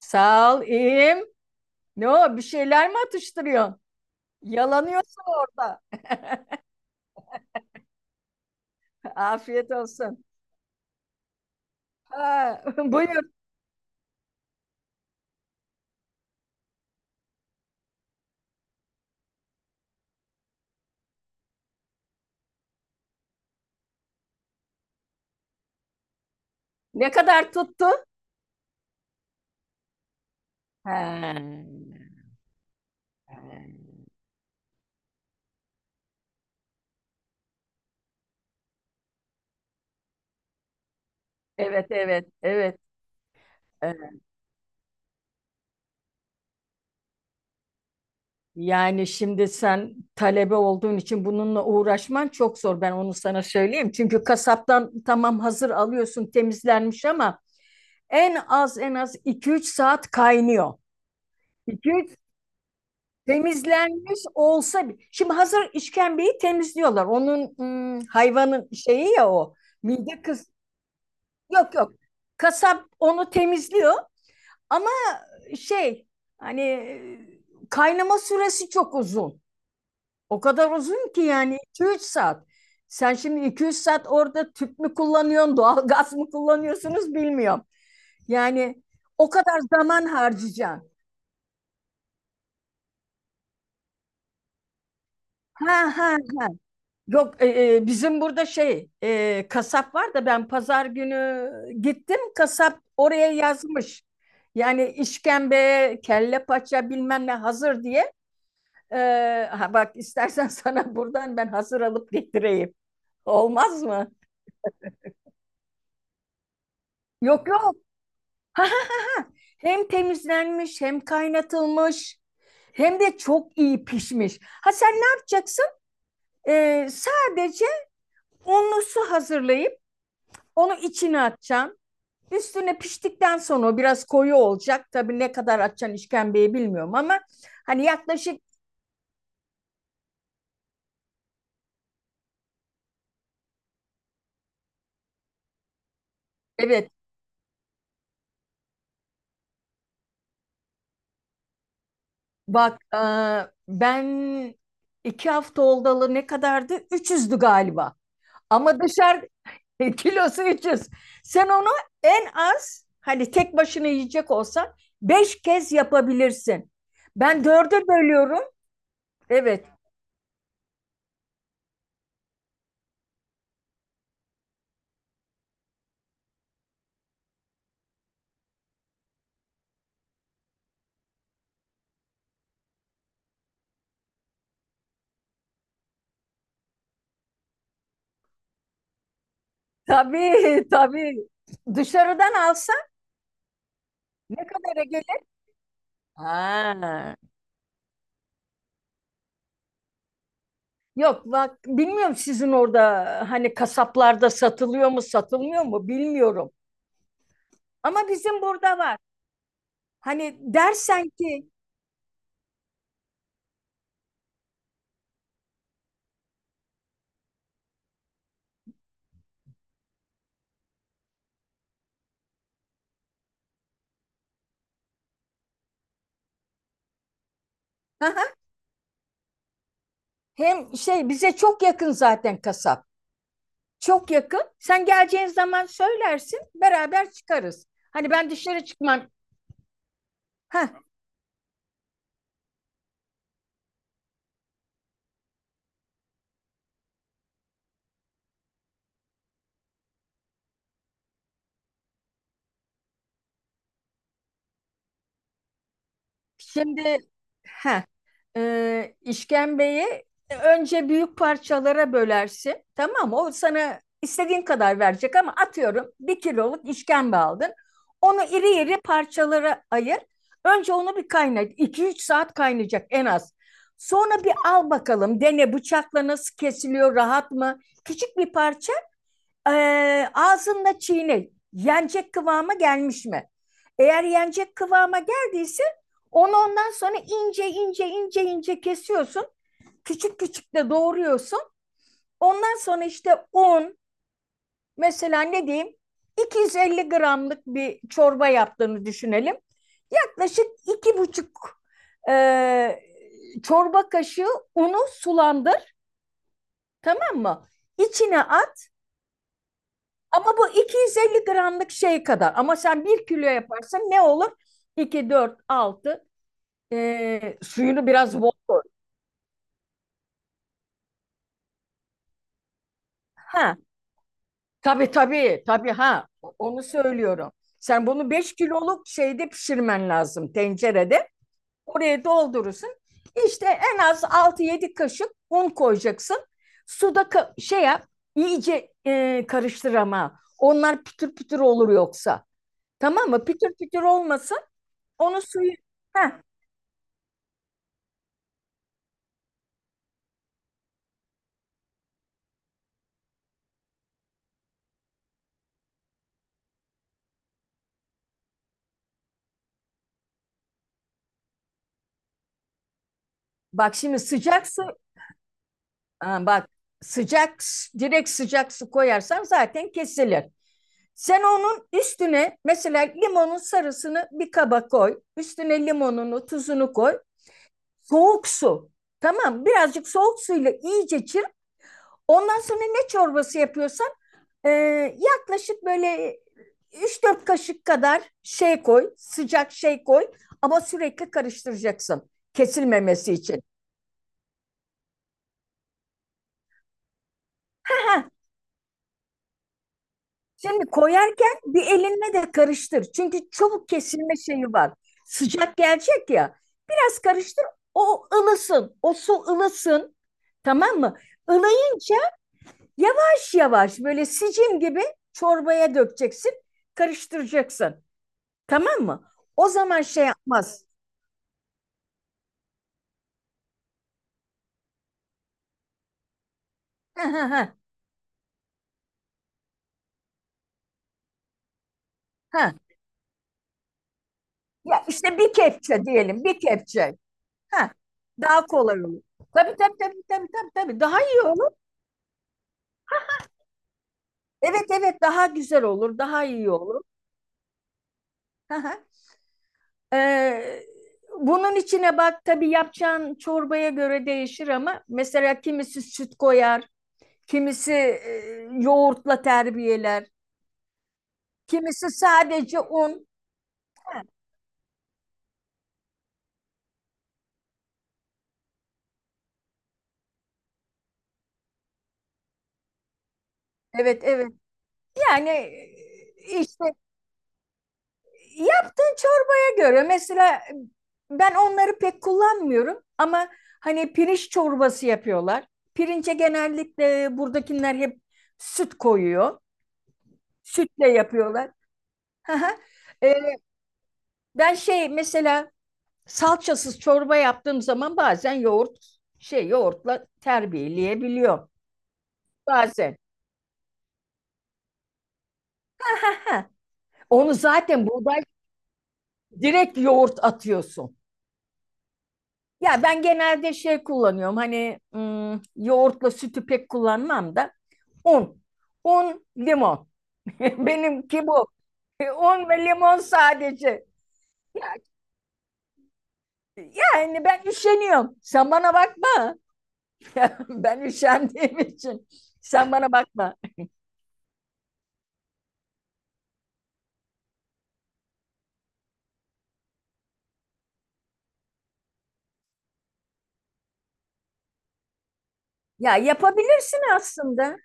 Sağ ol, iyiyim. Ne o, bir şeyler mi atıştırıyorsun? Yalanıyorsun orada. Afiyet olsun. Ha, buyur. Ne kadar tuttu? Ha. Evet, evet, evet. Evet. Yani şimdi sen talebe olduğun için bununla uğraşman çok zor. Ben onu sana söyleyeyim. Çünkü kasaptan tamam hazır alıyorsun temizlenmiş ama en az iki üç saat kaynıyor. 2 üç. Şimdi hazır işkembeyi temizliyorlar. Onun hayvanın şeyi ya o. Mide kız, yok yok. Kasap onu temizliyor ama şey hani, kaynama süresi çok uzun. O kadar uzun ki yani iki üç saat. Sen şimdi iki üç saat orada tüp mü kullanıyorsun, doğal gaz mı kullanıyorsunuz bilmiyorum. Yani o kadar zaman harcayacaksın. Ha ha. Ha. Yok, bizim burada şey, kasap var da ben pazar günü gittim kasap oraya yazmış. Yani işkembe, kelle paça bilmem ne hazır diye. E, ha bak istersen sana buradan ben hazır alıp getireyim. Olmaz mı? Yok yok. Ha, ha, ha, ha. Hem temizlenmiş hem kaynatılmış. Hem de çok iyi pişmiş. Ha sen ne yapacaksın? Sadece unlu su hazırlayıp onu içine atacaksın. Üstüne piştikten sonra o biraz koyu olacak. Tabii ne kadar açacaksın işkembeyi bilmiyorum ama hani yaklaşık. Evet bak, ben 2 hafta oldalı ne kadardı? 300'dü galiba. Ama dışarı kilosu 300. Sen onu en az hani tek başına yiyecek olsan beş kez yapabilirsin. Ben dörde bölüyorum. Evet. Tabii, tabii. Dışarıdan alsan ne kadara gelir? Ha. Yok bak bilmiyorum sizin orada hani kasaplarda satılıyor mu satılmıyor mu bilmiyorum. Ama bizim burada var. Hani dersen ki, hem şey bize çok yakın zaten kasap. Çok yakın. Sen geleceğin zaman söylersin beraber çıkarız. Hani ben dışarı çıkmam. Heh, Şimdi heh, işkembeyi önce büyük parçalara bölersin. Tamam mı? O sana istediğin kadar verecek ama atıyorum bir kiloluk işkembe aldın. Onu iri iri parçalara ayır. Önce onu bir kaynat. İki üç saat kaynayacak en az. Sonra bir al bakalım dene bıçakla nasıl kesiliyor rahat mı? Küçük bir parça, ağzında çiğne. Yenecek kıvama gelmiş mi? Eğer yenecek kıvama geldiyse onu ondan sonra ince ince ince ince kesiyorsun. Küçük küçük de doğruyorsun. Ondan sonra işte un, mesela ne diyeyim, 250 gramlık bir çorba yaptığını düşünelim. Yaklaşık iki buçuk e, çorba kaşığı unu sulandır, tamam mı? İçine at. Ama bu 250 gramlık şey kadar. Ama sen bir kilo yaparsan ne olur? 2, dört, altı. Suyunu biraz bol koy. Ha, tabii tabii tabii, ha. Onu söylüyorum. Sen bunu 5 kiloluk şeyde pişirmen lazım, tencerede. Oraya doldurursun. İşte en az altı yedi kaşık un koyacaksın. Şey yap. İyice, karıştır ama. Onlar pütür pütür olur yoksa. Tamam mı? Pütür pütür olmasın. Onu suyu. Heh, Bak şimdi sıcak su. Ha bak, direkt sıcak su koyarsan zaten kesilir. Sen onun üstüne mesela limonun sarısını bir kaba koy. Üstüne limonunu, tuzunu koy. Soğuk su. Tamam, birazcık soğuk suyla iyice çır. Ondan sonra ne çorbası yapıyorsan e, yaklaşık böyle üç dört kaşık kadar şey koy, sıcak şey koy, ama sürekli karıştıracaksın kesilmemesi için. Şimdi koyarken bir elinle de karıştır. Çünkü çabuk kesilme şeyi var. Sıcak gelecek ya. Biraz karıştır. O ılısın. O su ılısın. Tamam mı? Ilayı yavaş yavaş böyle sicim gibi çorbaya dökeceksin. Karıştıracaksın. Tamam mı? O zaman şey yapmaz. Ha, ha, ha, ha. Ya işte bir kepçe diyelim. Bir kepçe. Ha, daha kolay olur. Tabii tabii tabii tabii tabii. Tabii. Daha iyi olur. Evet evet, daha güzel olur. Daha iyi olur. Aha. Ee, Bunun içine bak, tabii yapacağın çorbaya göre değişir ama mesela kimisi süt koyar, kimisi, yoğurtla terbiyeler, kimisi sadece un. Ha. Evet evet, yani, işte yaptığın çorbaya göre mesela ben onları pek kullanmıyorum ama hani pirinç çorbası yapıyorlar. Pirince genellikle buradakiler hep süt koyuyor. Sütle yapıyorlar. Ben şey mesela salçasız çorba yaptığım zaman bazen yoğurt, şey, yoğurtla terbiyeleyebiliyorum. Bazen. Ha, onu zaten buğday direkt yoğurt atıyorsun. Ya ben genelde şey kullanıyorum hani, yoğurtla sütü pek kullanmam da un. Un, limon. Benimki bu. Un ve limon sadece. Yani, yani ben üşeniyorum. Sen bana bakma. Ben üşendiğim için. Sen bana bakma. Ya yapabilirsin aslında.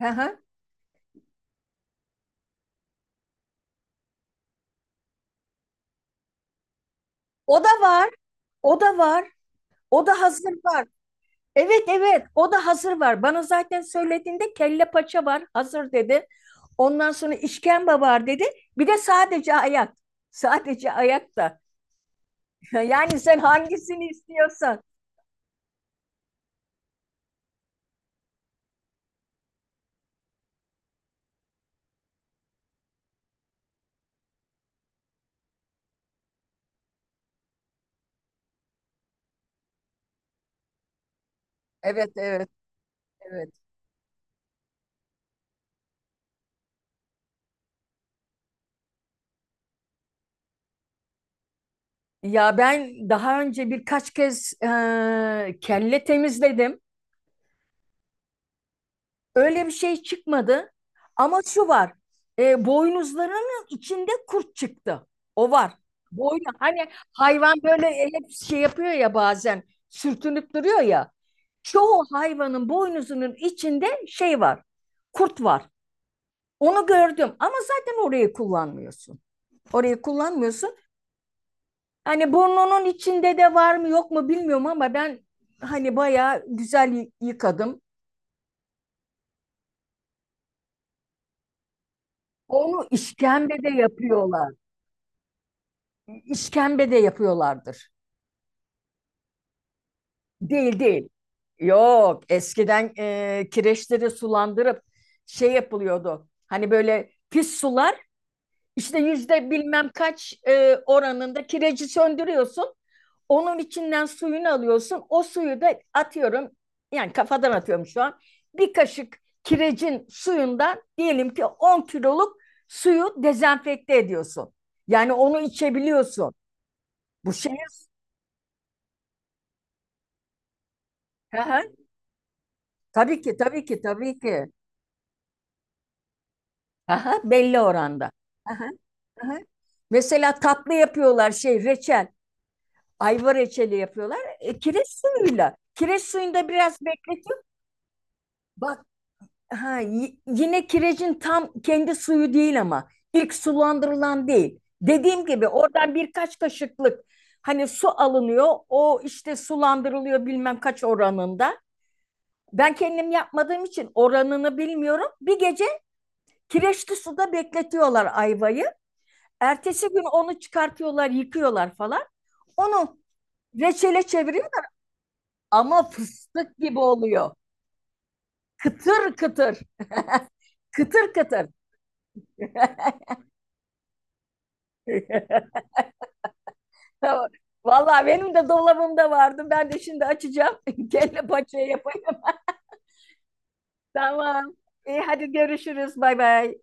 Hı hı. O da var, o da var, o da hazır var. Evet evet, o da hazır var. Bana zaten söylediğinde kelle paça var, hazır dedi. Ondan sonra işkembe var dedi. Bir de sadece ayak. Sadece ayak da. Yani sen hangisini istiyorsan. Evet evet evet. Ya ben daha önce birkaç kez kelle temizledim. Öyle bir şey çıkmadı. Ama şu var. Boynuzlarının içinde kurt çıktı. O var. Boynu hani hayvan böyle hep şey yapıyor ya, bazen sürtünüp duruyor ya. Çoğu hayvanın boynuzunun içinde şey var. Kurt var. Onu gördüm ama zaten orayı kullanmıyorsun. Orayı kullanmıyorsun. Hani burnunun içinde de var mı yok mu bilmiyorum ama ben hani bayağı güzel yıkadım. Onu işkembe de yapıyorlar. İşkembe de yapıyorlardır. Değil değil. Yok, eskiden, kireçleri sulandırıp şey yapılıyordu. Hani böyle pis sular işte yüzde bilmem kaç, oranında kireci söndürüyorsun. Onun içinden suyunu alıyorsun. O suyu da atıyorum yani, kafadan atıyorum şu an. Bir kaşık kirecin suyundan diyelim ki 10 kiloluk suyu dezenfekte ediyorsun. Yani onu içebiliyorsun. Bu şey. Tabii ki, tabii ki, tabii ki. Aha, belli oranda. Aha, aha. Mesela tatlı yapıyorlar şey reçel. Ayva reçeli yapıyorlar. Kireç suyuyla. Kireç suyunda biraz bekletiyor. Bak ha, yine kirecin tam kendi suyu değil ama ilk sulandırılan değil. Dediğim gibi oradan birkaç kaşıklık hani su alınıyor. O işte sulandırılıyor bilmem kaç oranında. Ben kendim yapmadığım için oranını bilmiyorum. Bir gece kireçli suda bekletiyorlar ayvayı. Ertesi gün onu çıkartıyorlar, yıkıyorlar falan. Onu reçele çeviriyor ama fıstık gibi oluyor. Kıtır kıtır. Kıtır kıtır. Vallahi benim de dolabımda vardı. Ben de şimdi açacağım. Kelle paçaya yapayım. Tamam. İyi hadi görüşürüz. Bay bay.